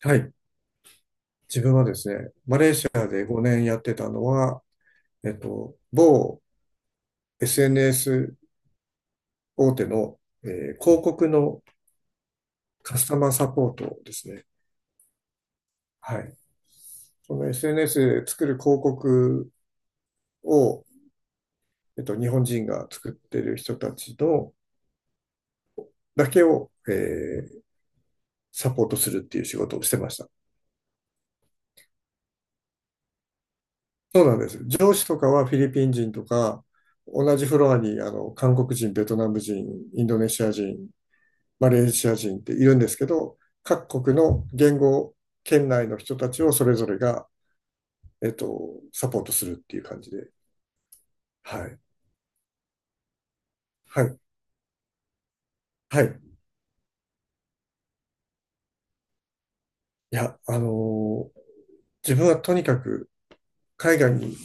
はい。自分はですね、マレーシアで5年やってたのは、某 SNS 大手の、広告のカスタマーサポートですね。はい。その SNS 作る広告を、日本人が作ってる人たちのだけを、ーサポートするっていう仕事をしてました。そうなんです。上司とかはフィリピン人とか、同じフロアにあの韓国人、ベトナム人、インドネシア人、マレーシア人っているんですけど、各国の言語圏内の人たちをそれぞれが、サポートするっていう感じで。はい。はい。はい。いや、自分はとにかく海外に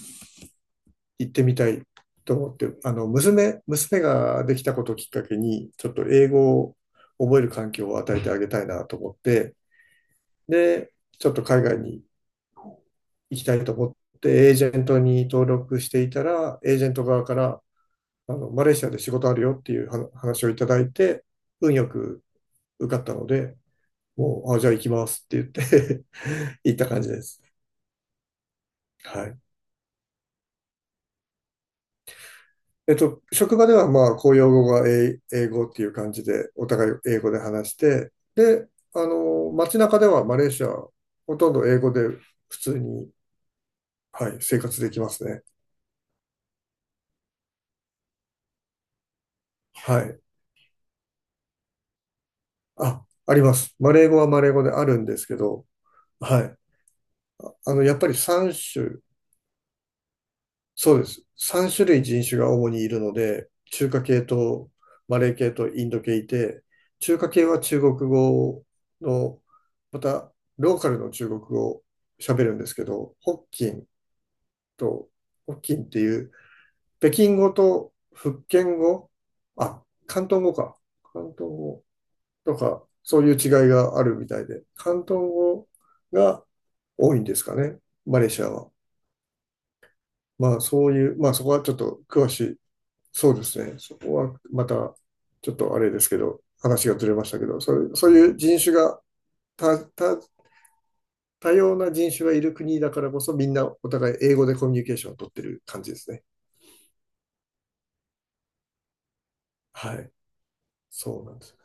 行ってみたいと思って、あの、娘ができたことをきっかけに、ちょっと英語を覚える環境を与えてあげたいなと思って、で、ちょっと海外に行きたいと思って、エージェントに登録していたら、エージェント側から、あの、マレーシアで仕事あるよっていうは話をいただいて、運よく受かったので、もう、あ、じゃあ行きますって言って 行った感じです。はい。職場ではまあ、公用語が英英語っていう感じで、お互い英語で話して、で、あの、街中ではマレーシア、ほとんど英語で普通に、はい、生活できますね。はい。あ、あります。マレー語はマレー語であるんですけど、はい。あの、やっぱり3種そうです。3種類人種が主にいるので、中華系とマレー系とインド系いて、中華系は中国語の、また、ローカルの中国語を喋るんですけど、と、北京っていう、北京語と福建語、あ、広東語か。広東語とか、そういう違いがあるみたいで、広東語が多いんですかね、マレーシアは。まあそういう、まあそこはちょっと詳しいそうですね。そこはまた、ちょっとあれですけど、話がずれましたけど、そういう人種が、た、た、多様な人種がいる国だからこそ、みんなお互い英語でコミュニケーションを取ってる感じですね。はい。そうなんです。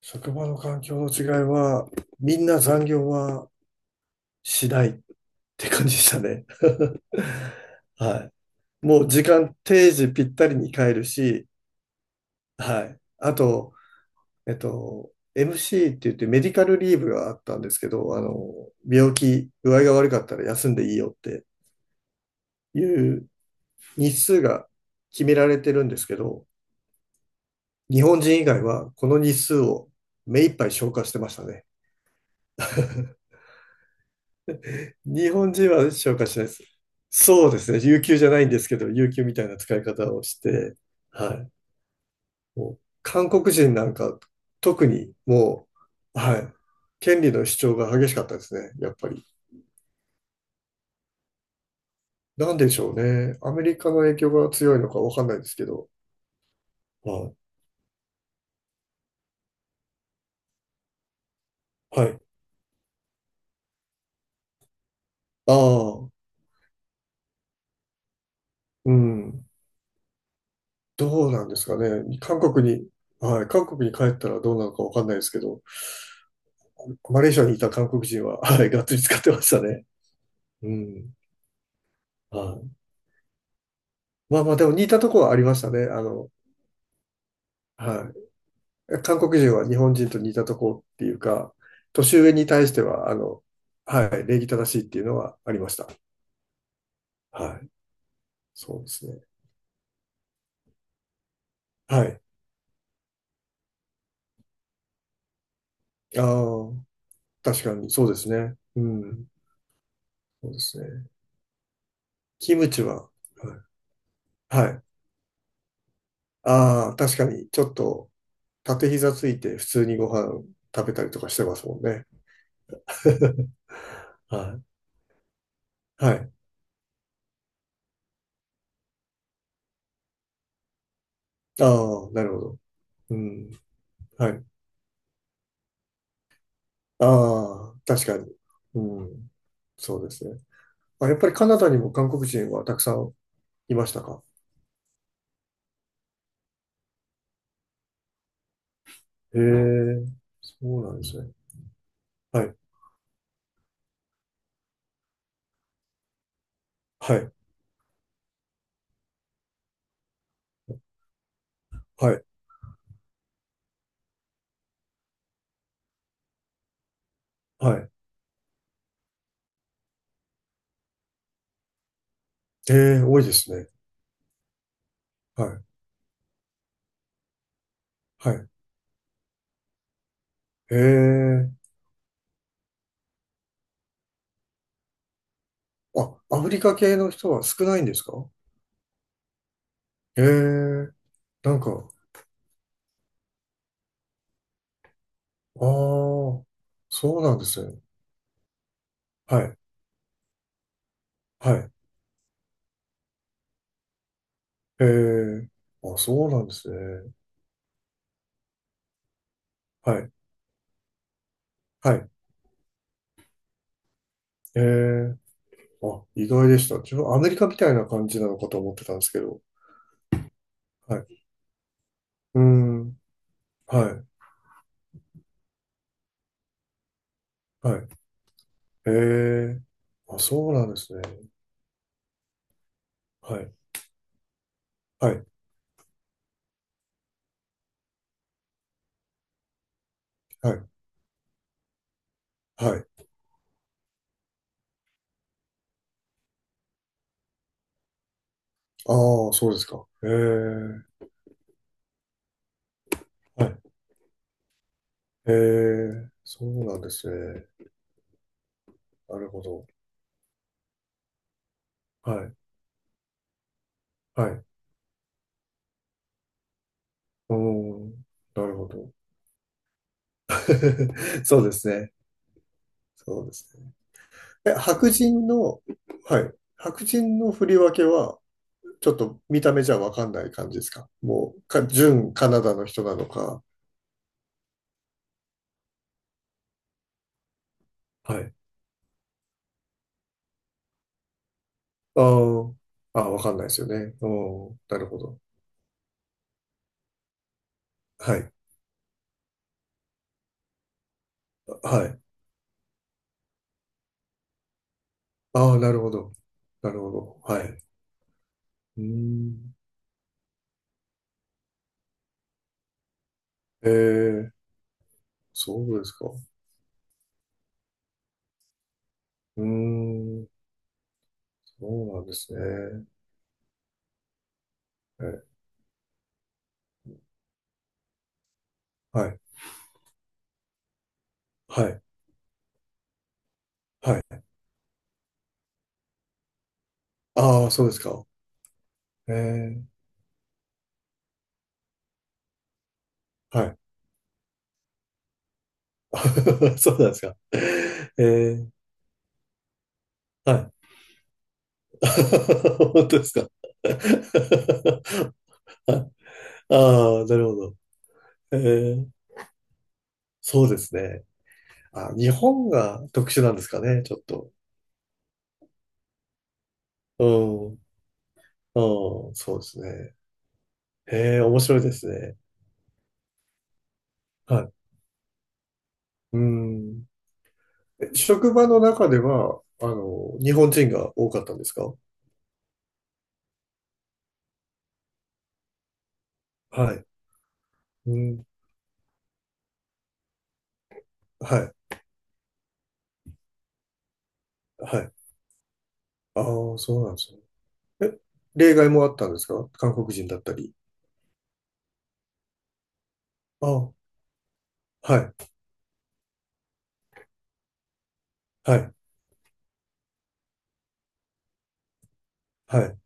職場の環境の違いは、みんな残業はしないって感じでしたね。はい。もう時間定時ぴったりに帰るし、はい。あと、MC って言ってメディカルリーブがあったんですけど、あの、病気、具合が悪かったら休んでいいよっていう日数が決められてるんですけど、日本人以外はこの日数を目いっぱい消化してましたね。日本人は消化しないです。そうですね。有給じゃないんですけど、有給みたいな使い方をして、はい。もう韓国人なんか特にもう、はい。権利の主張が激しかったですね、やっぱり。なんでしょうね。アメリカの影響が強いのかわかんないですけど。はい。はい。ああ、うん。どうなんですかね。韓国に、はい。韓国に帰ったらどうなのかわかんないですけど、マレーシアにいた韓国人は、はい。がっつり使ってましたね。うん。はい。まあまあ、でも似たとこはありましたね。あの、はい。韓国人は日本人と似たとこっていうか、年上に対しては、あの、はい。礼儀正しいっていうのはありました。はい。そうですね。はい。ああ。確かに、そうですね。うん。そうですね。キムチは、はい。はい。ああ、確かに、ちょっと、縦膝ついて普通にご飯食べたりとかしてますもんね。はい。はい。ああ、なるほど。うん。はい。ああ、確かに。うん。そうですね。あ、やっぱりカナダにも韓国人はたくさんいましたか？へえ、そうなんですね。はい。はい。はい。はい。ええ、多いですね。はい。はい。ええ。あ、アフリカ系の人は少ないんですか？へえ、なんか、ああ、そうなんですね。はい、はい。へえ、あ、そうなんですね。はい、はい。へえ、あ、意外でした。自分、アメリカみたいな感じなのかと思ってたんですけど。はい。うーん、はい、はい。へえ、あ、そうなんですね。はい、はい、はい、はい。ああ、そうですか。へえ、はい。へえ、そうなんですね。なるほど。はい。はい。おー、なるほど。そうですね。そうですね。え、白人の、はい。白人の振り分けは、ちょっと見た目じゃわかんない感じですかもう、か、純カナダの人なのか。はい。あー、あー、わかんないですよね。おー、なるほど。はい。はい。ああ、なるほど。なるほど。はい。うーん。えー、そうですか。うーん、そうなんですね。え、はい。はい。はい。ああ、そうですか。ええ、はい。そうなんですか。ええ、はい。本当ですか。ああ、なるほど。ええ、そうですね。あ、日本が特殊なんですかね、ちょっと。うん、うん、そうですね。ええ、面白いですね。はい。うん。え、職場の中では、あの、日本人が多かったんですか？はい。うん、はい、はい。ああ、そうなんですね。え、例外もあったんですか韓国人だったり。ああ、はい、はい、はい、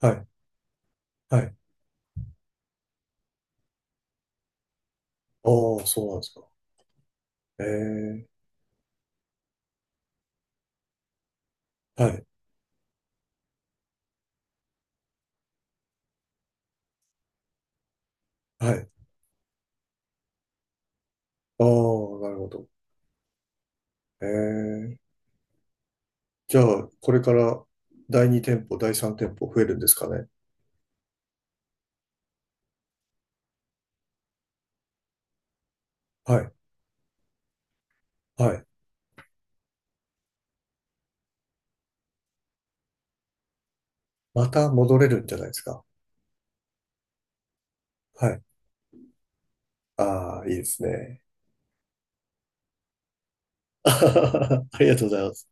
はい、はい。ああ、そうなんですか。ええ、はい、はい。ああ、なるほど。ええ。じゃあ、これから第2店舗、第3店舗増えるんですかね。はい、はい。また戻れるんじゃないですか。はい。ああ、いいですね。ありがとうございます。